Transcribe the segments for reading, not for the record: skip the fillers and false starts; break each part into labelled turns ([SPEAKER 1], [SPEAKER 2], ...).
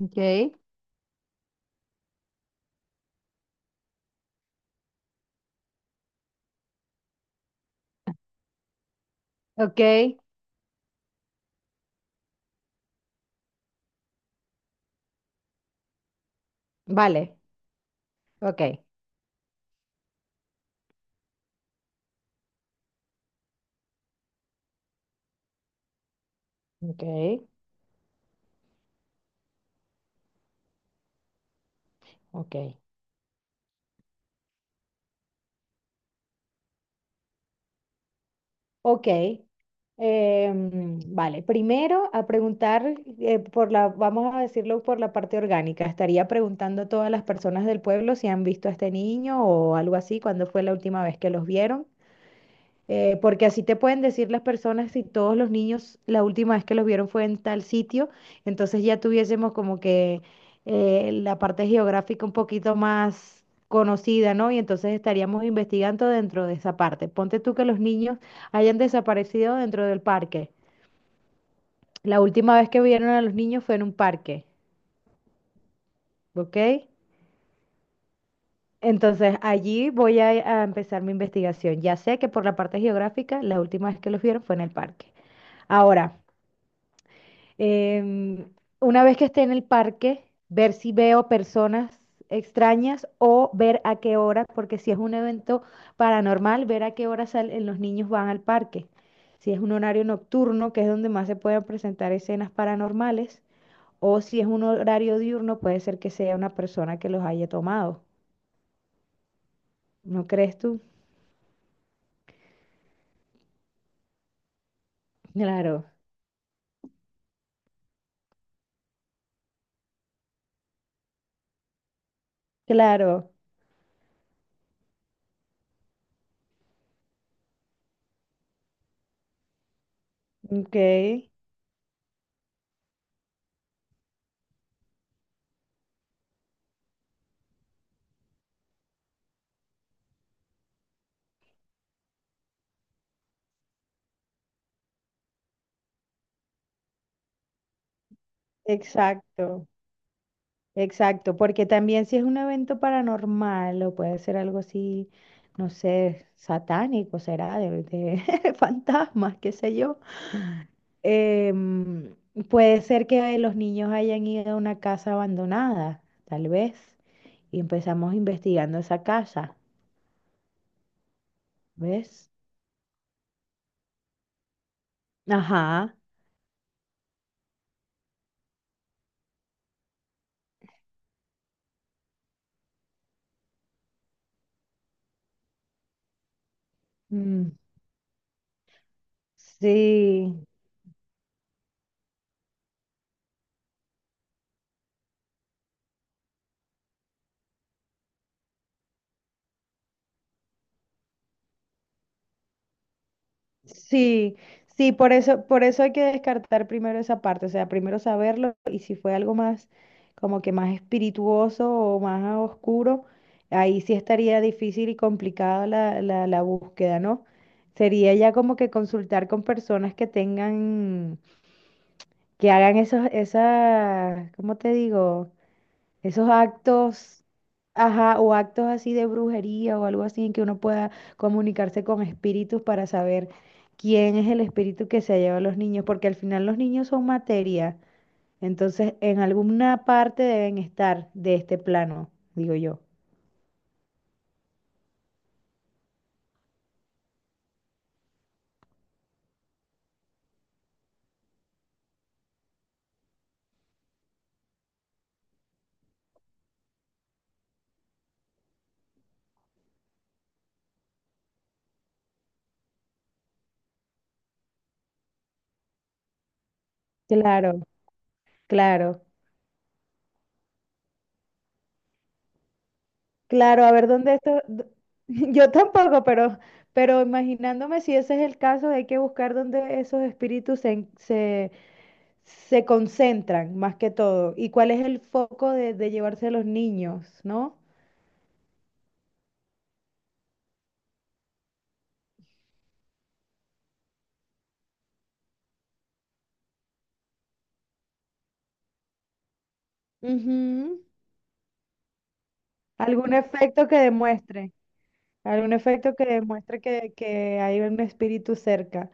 [SPEAKER 1] Ok, ok, vale, ok, ok, ok, ok. Vale, primero a preguntar vamos a decirlo por la parte orgánica. Estaría preguntando a todas las personas del pueblo si han visto a este niño o algo así, cuándo fue la última vez que los vieron. Porque así te pueden decir las personas si todos los niños la última vez que los vieron fue en tal sitio, entonces ya tuviésemos como que la parte geográfica un poquito más conocida, ¿no? Y entonces estaríamos investigando dentro de esa parte. Ponte tú que los niños hayan desaparecido dentro del parque. La última vez que vieron a los niños fue en un parque, ¿ok? Entonces allí voy a empezar mi investigación. Ya sé que por la parte geográfica, la última vez que los vieron fue en el parque. Ahora, Em, una vez que esté en el parque, ver si veo personas extrañas o ver a qué hora, porque si es un evento paranormal, ver a qué hora salen los niños van al parque. Si es un horario nocturno, que es donde más se pueden presentar escenas paranormales, o si es un horario diurno, puede ser que sea una persona que los haya tomado. ¿No crees tú? Claro, claro. Ok, exacto. Exacto, porque también si es un evento paranormal o puede ser algo así, no sé, satánico, será, de fantasmas, qué sé yo. em, Puede ser que los niños hayan ido a una casa abandonada, tal vez, y empezamos investigando esa casa, ¿ves? Ajá. Mm, sí, sí, sí, por eso hay que descartar primero esa parte, o sea, primero saberlo y si fue algo más como que más espirituoso o más oscuro, ahí sí estaría difícil y complicada la búsqueda, ¿no? Sería ya como que consultar con personas que tengan, que hagan esos, esas, ¿cómo te digo? Esos actos, ajá, o actos así de brujería o algo así en que uno pueda comunicarse con espíritus para saber quién es el espíritu que se lleva a los niños, porque al final los niños son materia, entonces en alguna parte deben estar de este plano, digo yo. Claro, claro, claro, a ver dónde esto, yo tampoco, pero imaginándome si ese es el caso, hay que buscar dónde esos espíritus se, en- se se concentran más que todo. ¿Y cuál es el foco de llevarse a los niños, no? Ujú. Algún efecto que demuestre, algún efecto que demuestre que hay un espíritu cerca.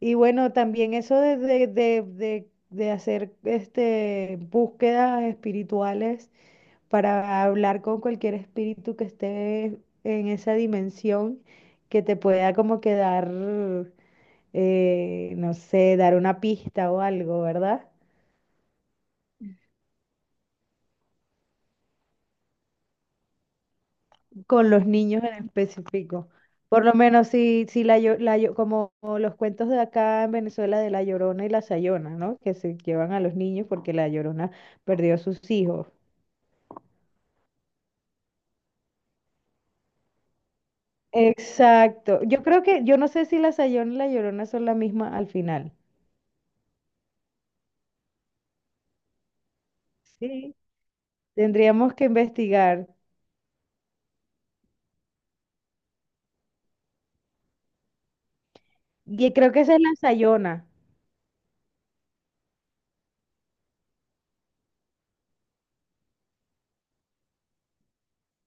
[SPEAKER 1] Y bueno, también eso de hacer búsquedas espirituales para hablar con cualquier espíritu que esté en esa dimensión que te pueda como quedar no sé, dar una pista o algo, ¿verdad? Con los niños en específico. Por lo menos si como los cuentos de acá en Venezuela de la Llorona y la Sayona, ¿no? Que se llevan a los niños porque la Llorona perdió a sus hijos. Exacto. Yo no sé si la Sayona y la Llorona son la misma al final. Sí. Tendríamos que investigar. Y creo que esa es la Sayona.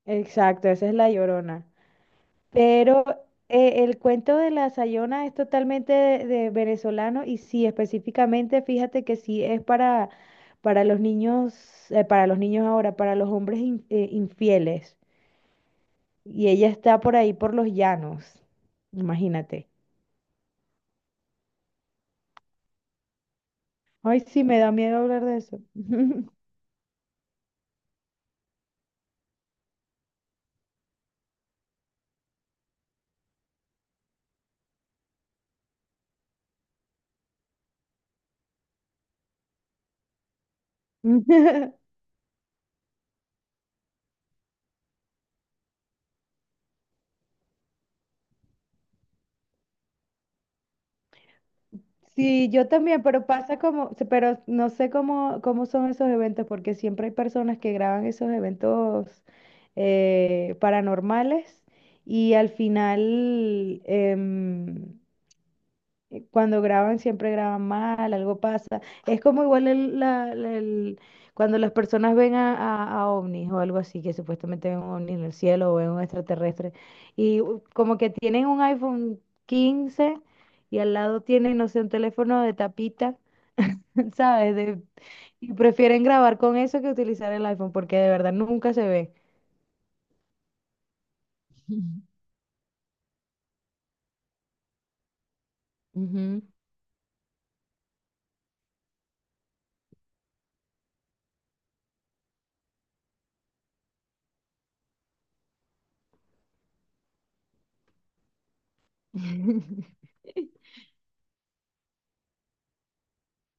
[SPEAKER 1] Exacto, esa es la Llorona. Pero el cuento de la Sayona es totalmente de venezolano y sí, específicamente, fíjate que sí es para los niños, para los niños ahora, para los hombres infieles. Y ella está por ahí por los llanos, imagínate. Ay, sí, me da miedo hablar de eso. Sí, yo también, pero pasa como, pero no sé cómo, cómo son esos eventos, porque siempre hay personas que graban esos eventos paranormales y al final, cuando graban, siempre graban mal, algo pasa. Es como igual cuando las personas ven a ovnis o algo así, que supuestamente ven un ovni en el cielo o ven un extraterrestre, como que tienen un iPhone 15 y al lado tienen, no sé, un teléfono de tapita, ¿sabes? Y prefieren grabar con eso que utilizar el iPhone, porque de verdad nunca se ve. Ujú.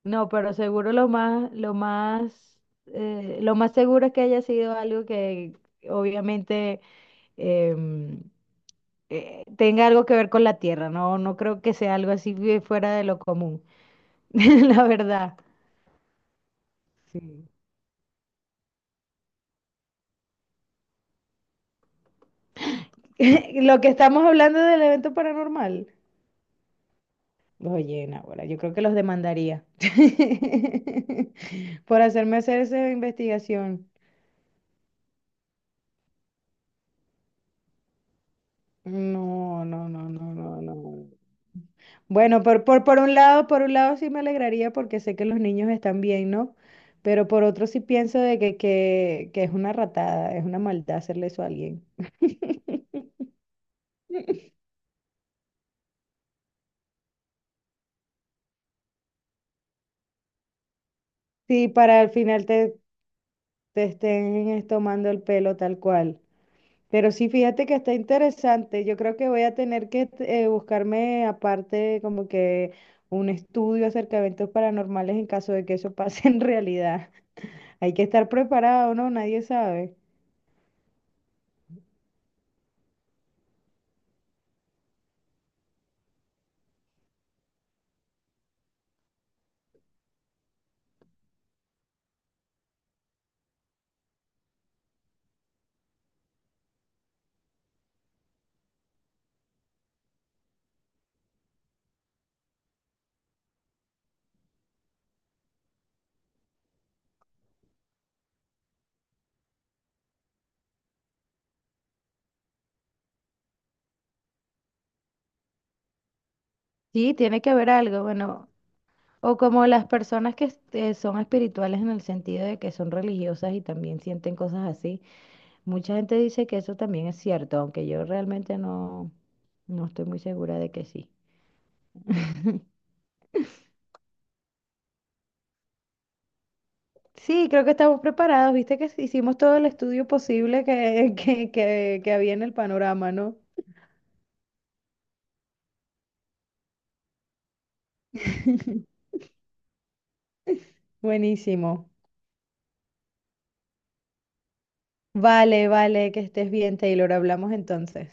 [SPEAKER 1] No, pero seguro lo más, lo más, lo más seguro es que haya sido algo que obviamente em, tenga algo que ver con la tierra, ¿no? No creo que sea algo así de fuera de lo común, la verdad. Sí. Lo que estamos hablando del evento paranormal. Oye, Nahuela, yo creo que los demandaría por hacerme hacer esa investigación. No, no, no, no, no, no. Bueno, por un lado, por un lado sí me alegraría porque sé que los niños están bien, ¿no? Pero por otro sí pienso de que es una ratada, es una maldad hacerle eso a alguien. Sí, para al final te estén es, tomando el pelo tal cual. Pero sí, fíjate que está interesante. Yo creo que voy a tener que buscarme aparte como que un estudio acerca de eventos paranormales en caso de que eso pase en realidad. Hay que estar preparado, ¿no? Nadie sabe. Sí, tiene que haber algo. Bueno, o como las personas que son espirituales en el sentido de que son religiosas y también sienten cosas así. Mucha gente dice que eso también es cierto, aunque yo realmente no, no estoy muy segura de que sí. Sí, creo que estamos preparados, viste que hicimos todo el estudio posible que, que había en el panorama, ¿no? Buenísimo. Vale, vale, que estés bien, Taylor. Hablamos entonces.